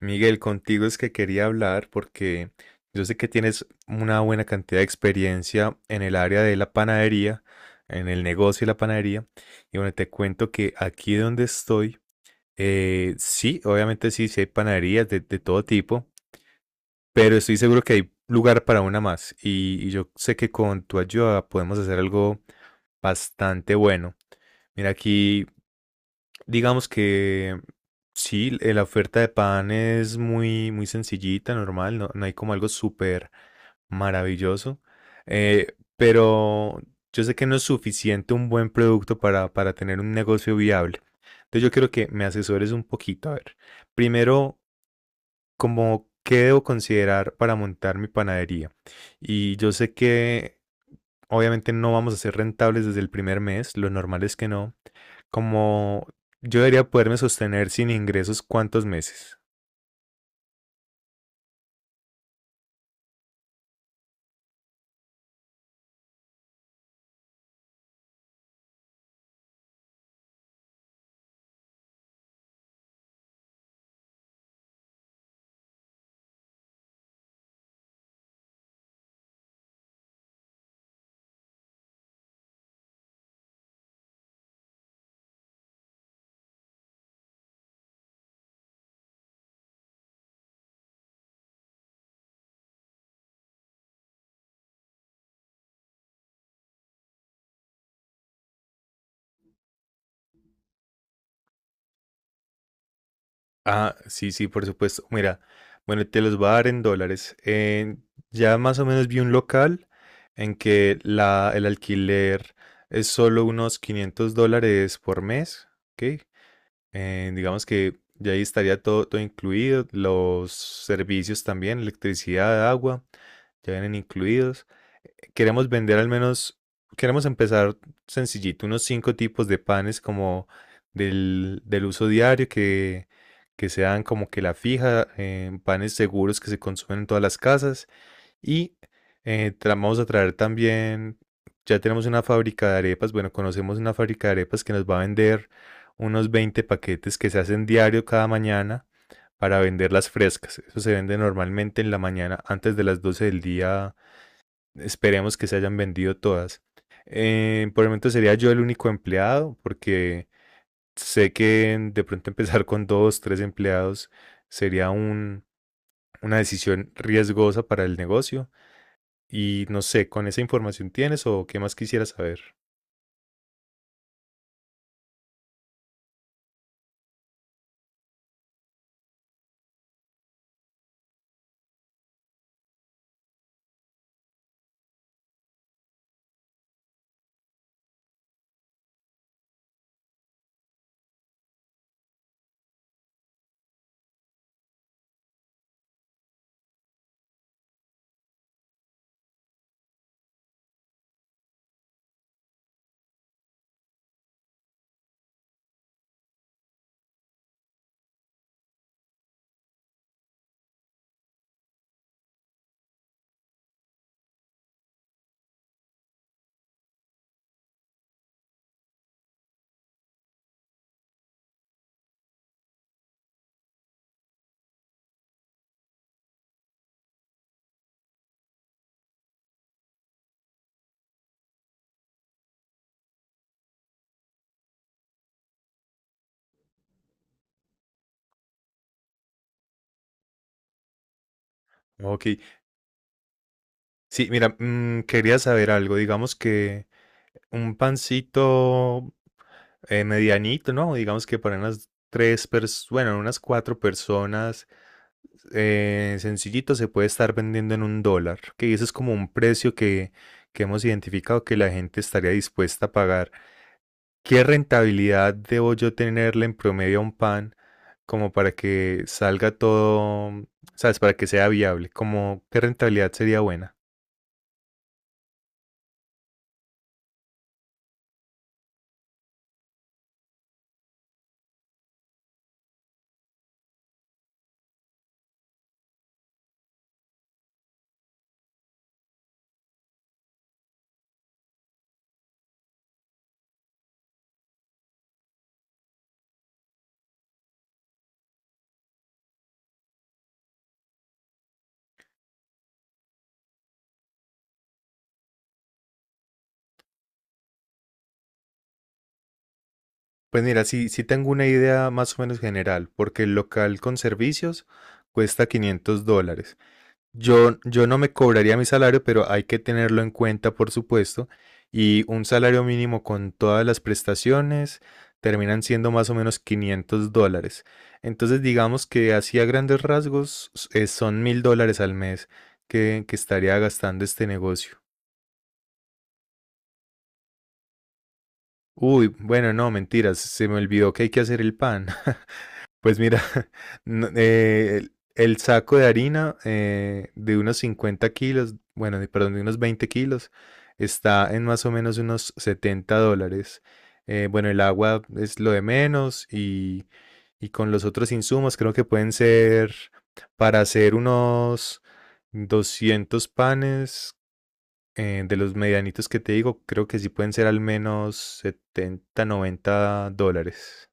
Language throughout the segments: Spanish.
Miguel, contigo es que quería hablar porque yo sé que tienes una buena cantidad de experiencia en el área de la panadería, en el negocio de la panadería. Y bueno, te cuento que aquí donde estoy, sí, obviamente sí, sí hay panaderías de todo tipo, pero estoy seguro que hay lugar para una más. Y yo sé que con tu ayuda podemos hacer algo bastante bueno. Mira aquí. Digamos que sí, la oferta de pan es muy, muy sencillita, normal, no, no hay como algo súper maravilloso, pero yo sé que no es suficiente un buen producto para tener un negocio viable. Entonces yo quiero que me asesores un poquito. A ver, primero, como, ¿qué debo considerar para montar mi panadería? Y yo sé que obviamente no vamos a ser rentables desde el primer mes, lo normal es que no. Como yo debería poderme sostener sin ingresos cuántos meses. Ah, sí, sí, por supuesto. Mira, bueno, te los voy a dar en dólares. Ya más o menos vi un local en que la, el alquiler es solo unos $500 por mes, ¿ok? Digamos que ya ahí estaría todo, todo incluido, los servicios también, electricidad, agua, ya vienen incluidos. Queremos vender al menos, queremos empezar sencillito, unos cinco tipos de panes como del uso diario que sean como que la fija, panes seguros que se consumen en todas las casas y vamos a traer también, ya tenemos una fábrica de arepas, bueno, conocemos una fábrica de arepas que nos va a vender unos 20 paquetes que se hacen diario cada mañana para vender las frescas. Eso se vende normalmente en la mañana antes de las 12 del día. Esperemos que se hayan vendido todas. Por el momento sería yo el único empleado, porque sé que de pronto empezar con dos, tres empleados sería una decisión riesgosa para el negocio. Y no sé, ¿con esa información tienes o qué más quisieras saber? Ok, sí, mira, quería saber algo, digamos que un pancito medianito, ¿no? Digamos que para unas tres personas, bueno, unas cuatro personas, sencillito se puede estar vendiendo en un dólar, que eso es como un precio que hemos identificado que la gente estaría dispuesta a pagar. ¿Qué rentabilidad debo yo tenerle en promedio a un pan como para que salga todo, mm, sabes, para que sea viable? Como, ¿qué rentabilidad sería buena? Pues mira, sí, sí tengo una idea más o menos general, porque el local con servicios cuesta $500. Yo no me cobraría mi salario, pero hay que tenerlo en cuenta, por supuesto. Y un salario mínimo con todas las prestaciones terminan siendo más o menos $500. Entonces, digamos que así a grandes rasgos son $1.000 al mes que estaría gastando este negocio. Uy, bueno, no, mentiras, se me olvidó que hay que hacer el pan. Pues mira, el saco de harina de unos 50 kilos, perdón, de unos 20 kilos, está en más o menos unos $70. Bueno, el agua es lo de menos y con los otros insumos creo que pueden ser para hacer unos 200 panes, de los medianitos que te digo, creo que sí pueden ser al menos $70, $90.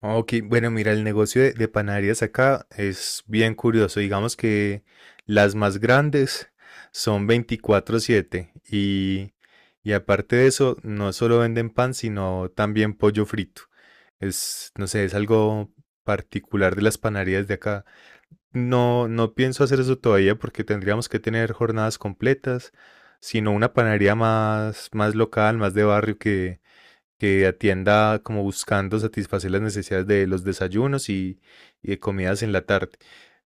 Ah, ok, bueno, mira, el negocio de panaderías acá es bien curioso. Digamos que las más grandes son 24/7 y aparte de eso, no solo venden pan, sino también pollo frito. Es, no sé, es algo particular de las panaderías de acá. No, no pienso hacer eso todavía porque tendríamos que tener jornadas completas, sino una panadería más, más local, más de barrio que atienda como buscando satisfacer las necesidades de los desayunos y de comidas en la tarde.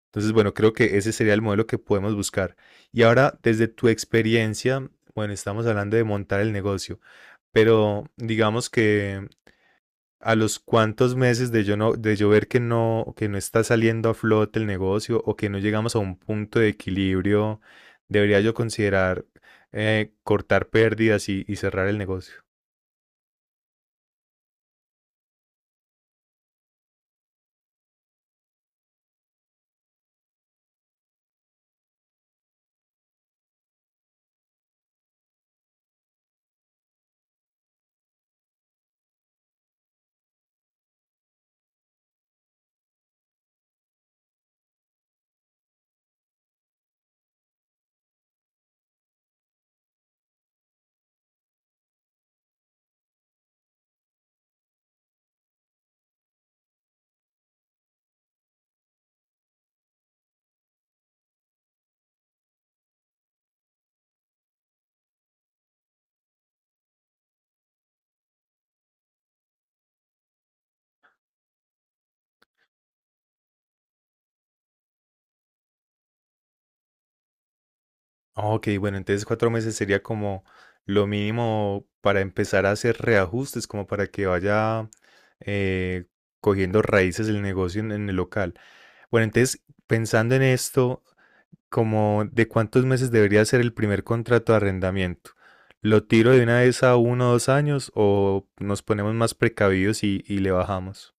Entonces, bueno, creo que ese sería el modelo que podemos buscar. Y ahora, desde tu experiencia, bueno, estamos hablando de montar el negocio, pero digamos que a los cuantos meses de yo ver que no está saliendo a flote el negocio o que no llegamos a un punto de equilibrio, debería yo considerar cortar pérdidas y cerrar el negocio. Ah, ok, bueno, entonces 4 meses sería como lo mínimo para empezar a hacer reajustes, como para que vaya eh, cogiendo raíces el negocio en el local. Bueno, entonces pensando en esto, como de cuántos meses debería ser el primer contrato de arrendamiento. ¿Lo tiro de una vez a uno o dos años o nos ponemos más precavidos y le bajamos?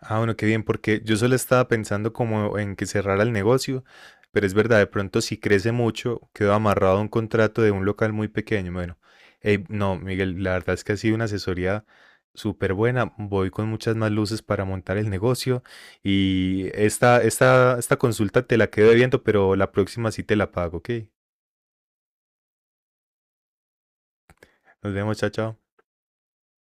Ah, bueno, qué bien, porque yo solo estaba pensando como en que cerrara el negocio, pero es verdad, de pronto si crece mucho, quedo amarrado a un contrato de un local muy pequeño. Bueno, no, Miguel, la verdad es que ha sido una asesoría súper buena. Voy con muchas más luces para montar el negocio y esta consulta te la quedo debiendo, pero la próxima sí te la pago, ¿ok? Nos vemos, chao, chao.